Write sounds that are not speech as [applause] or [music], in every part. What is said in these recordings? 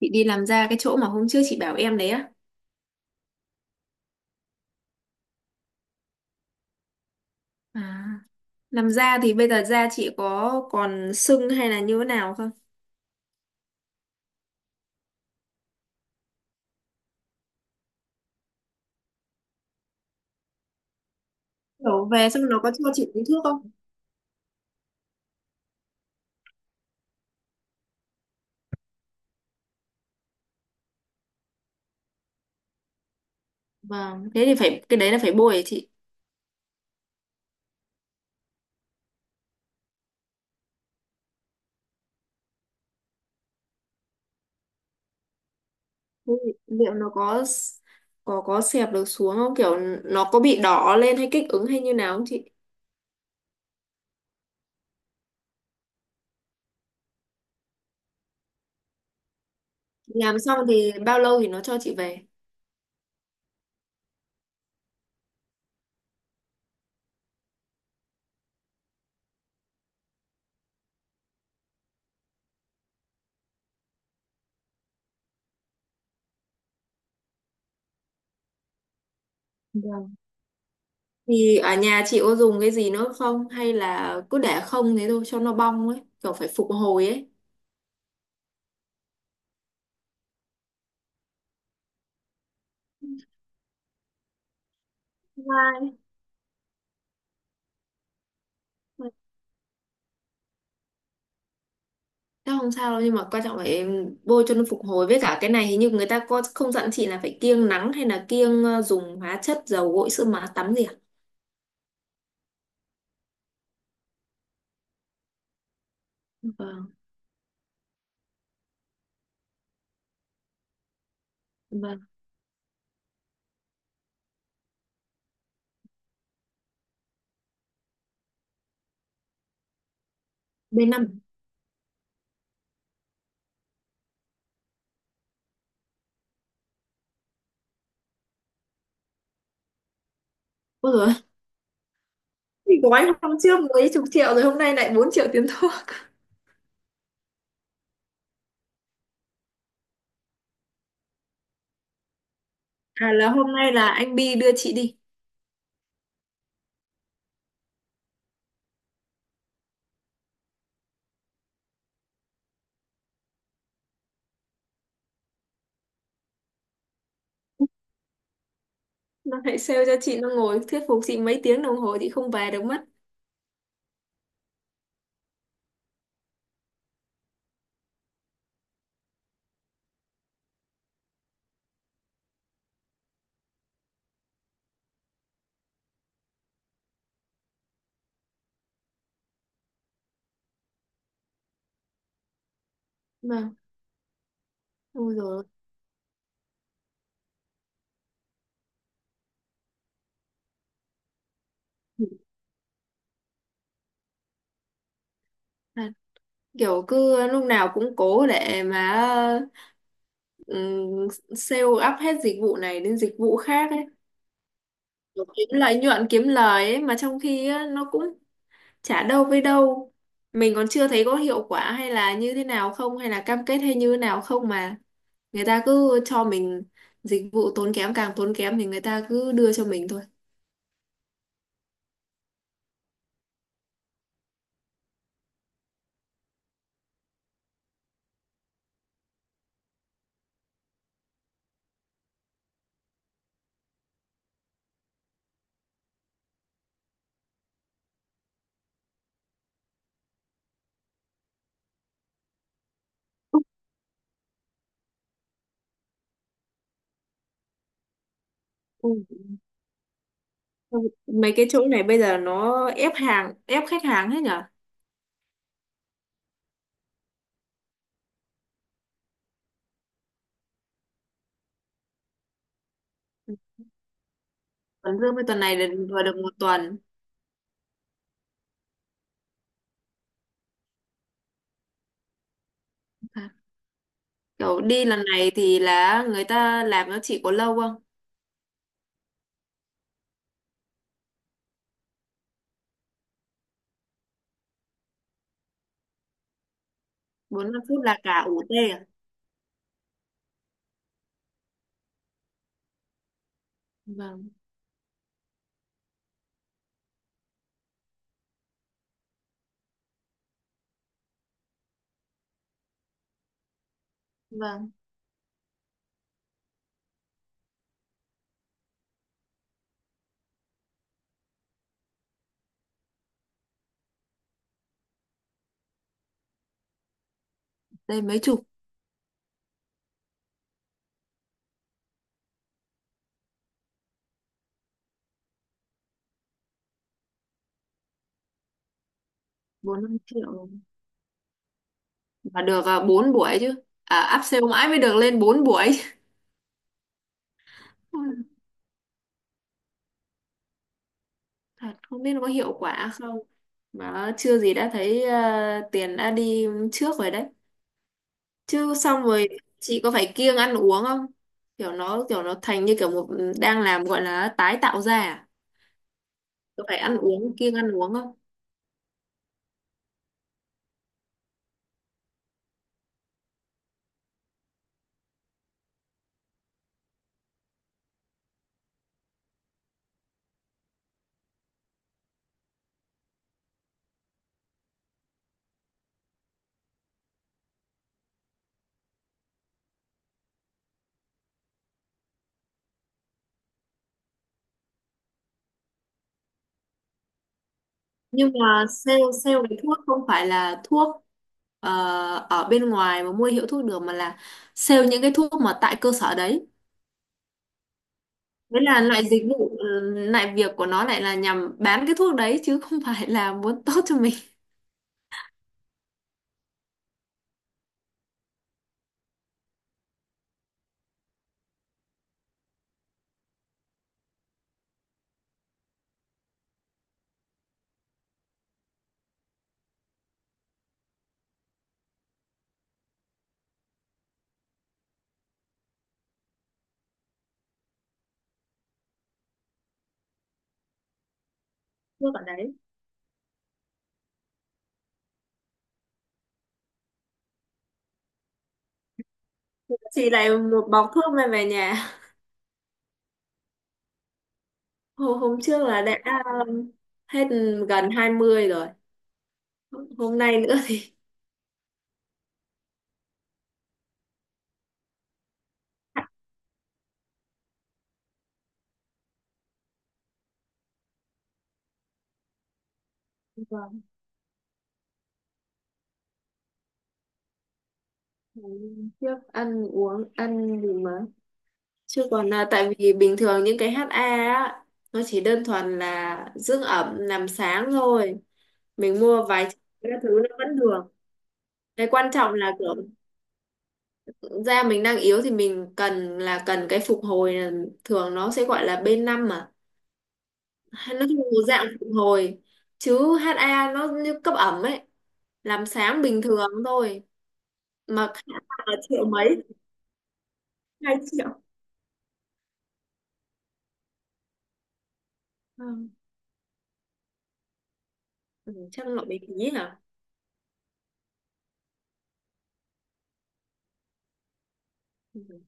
Chị đi làm da cái chỗ mà hôm trước chị bảo em đấy á. À. Làm da thì bây giờ da chị có còn sưng hay là như thế nào không? Kiểu về xong nó có cho chị uống thuốc không? Vâng, thế thì phải cái đấy là phải bôi hả chị. Thế thì liệu nó có xẹp được xuống không? Kiểu nó có bị đỏ lên hay kích ứng hay như nào không chị? Làm xong thì bao lâu thì nó cho chị về? Vâng. Thì ở nhà chị có dùng cái gì nữa không? Hay là cứ để không thế thôi cho nó bong ấy, kiểu phải phục hồi ấy. Vâng. Chắc không sao đâu, nhưng mà quan trọng là em bôi cho nó phục hồi, với cả cái này hình như người ta có không dặn chị là phải kiêng nắng hay là kiêng dùng hóa chất, dầu gội, sữa má tắm gì à? Vâng, vâng. B5. Ôi rồi. Gói hôm trước mấy chục triệu, rồi hôm nay lại 4 triệu tiền thuốc. À, là hôm nay là anh Bi đưa chị đi. [laughs] Nó lại sale cho chị, nó ngồi thuyết phục chị mấy tiếng đồng hồ chị không về được mất. Vâng. Ôi rồi. Kiểu cứ lúc nào cũng cố để mà ừm, sale up hết dịch vụ này đến dịch vụ khác ấy. Kiểu kiếm lợi nhuận, kiếm lời ấy mà, trong khi á, nó cũng chả đâu với đâu, mình còn chưa thấy có hiệu quả hay là như thế nào không, hay là cam kết hay như thế nào không, mà người ta cứ cho mình dịch vụ tốn kém, càng tốn kém thì người ta cứ đưa cho mình thôi. Ừ. Mấy cái chỗ này bây giờ nó ép hàng, ép khách hàng hết nhở. Tuần dương với tuần này là vừa được một tuần. Kiểu đi lần này thì là người ta làm nó chỉ có lâu không? Bốn 5 phút là cả ủ tê à? Vâng, vâng. Đây mấy chục, 4 5 triệu mà được à, 4 buổi chứ. À, áp sale mãi mới được lên 4 buổi. [laughs] Ôi, thật không biết nó có hiệu quả không. Mà chưa gì đã thấy à, tiền đã đi trước rồi đấy. Chứ xong rồi chị có phải kiêng ăn uống không? Kiểu nó, kiểu nó thành như kiểu một, đang làm gọi là tái tạo ra à? Có phải ăn uống, kiêng ăn uống không? Nhưng mà sale sale cái thuốc không phải là thuốc ờ, ở bên ngoài mà mua hiệu thuốc được, mà là sale những cái thuốc mà tại cơ sở đấy. Đấy là loại dịch vụ, lại việc của nó lại là nhằm bán cái thuốc đấy, chứ không phải là muốn [laughs] tốt cho mình. Thuốc ở đấy, chỉ lại một bọc thuốc mang về nhà. Hôm trước là đã um, hết gần 20 rồi, hôm nay nữa thì [laughs] vâng, ngày hôm trước ăn uống ăn gì mà. Chứ còn là tại vì bình thường những cái HA á, nó chỉ đơn thuần là dưỡng ẩm, làm sáng thôi. Mình mua vài chục cái thứ nó vẫn được. Cái quan trọng là kiểu da mình đang yếu thì mình cần là cần cái phục hồi, là- thường nó sẽ gọi là B5 mà. Hay nó thuộc dạng phục hồi. Chứ HA nó như cấp ẩm ấy, làm sáng bình thường thôi. Mà khác là triệu mấy, 2 triệu. Ừ. Ừ, chắc nó bị phí hả? Ừ.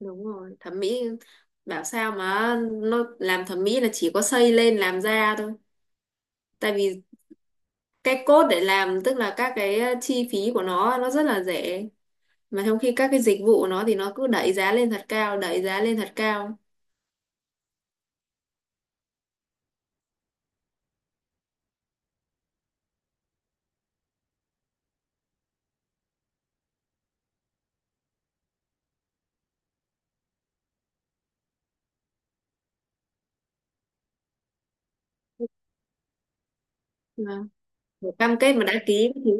Đúng rồi, thẩm mỹ, bảo sao mà nó làm thẩm mỹ là chỉ có xây lên làm da thôi. Tại vì cái cốt để làm, tức là các cái chi phí của nó rất là rẻ, mà trong khi các cái dịch vụ của nó thì nó cứ đẩy giá lên thật cao, đẩy giá lên thật cao. Vâng. Một cam kết mà đã ký các thứ,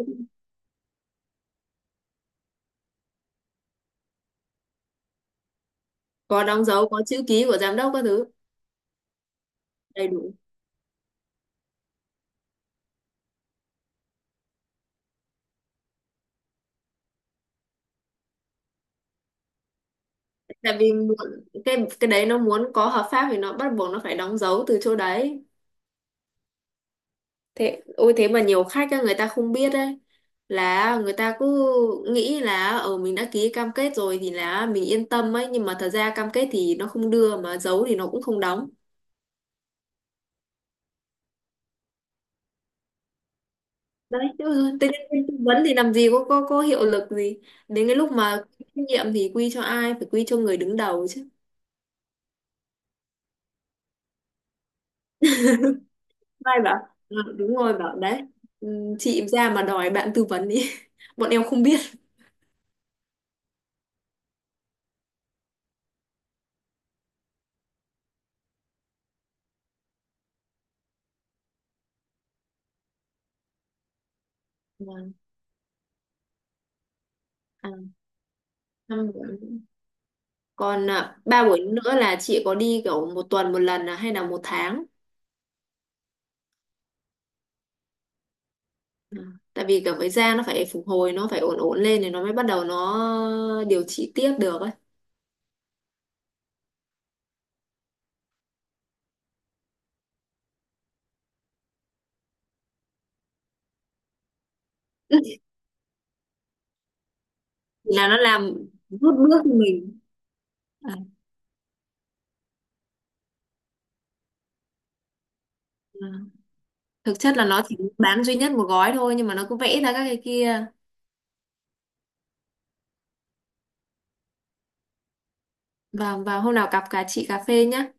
có đóng dấu, có chữ ký của giám đốc các thứ đầy đủ. Tại vì muốn- cái đấy nó muốn có hợp pháp thì nó bắt buộc nó phải đóng dấu từ chỗ đấy. Thế ôi, thế mà nhiều khách á, người ta không biết đấy, là người ta cứ nghĩ là ở mình đã ký cam kết rồi thì là mình yên tâm ấy, nhưng mà thật ra cam kết thì nó không đưa, mà giấu thì nó cũng không đóng. Đấy. Ừ, thế mà tới tư vấn thì làm gì có hiệu lực gì. Đến cái lúc mà trách nhiệm thì quy cho ai, phải quy cho người đứng đầu chứ. Ai bảo "Ờ, đúng rồi", bảo đấy, ừ, "Chị ra mà đòi bạn tư vấn đi, [laughs] bọn em không biết". Vâng. À, năm bữa. Còn à, ba buổi nữa là chị có đi kiểu một tuần một lần à, hay là một tháng. Ừ. Tại vì cả với da nó phải phục hồi, nó phải ổn, ổn lên thì nó mới bắt đầu nó điều trị tiếp được ấy. [laughs] Là nó làm rút bước mình, à, à. Thực chất là nó chỉ bán duy nhất một gói thôi nhưng mà nó cứ vẽ ra các cái kia. Và hôm nào cặp cả chị cà phê nhá.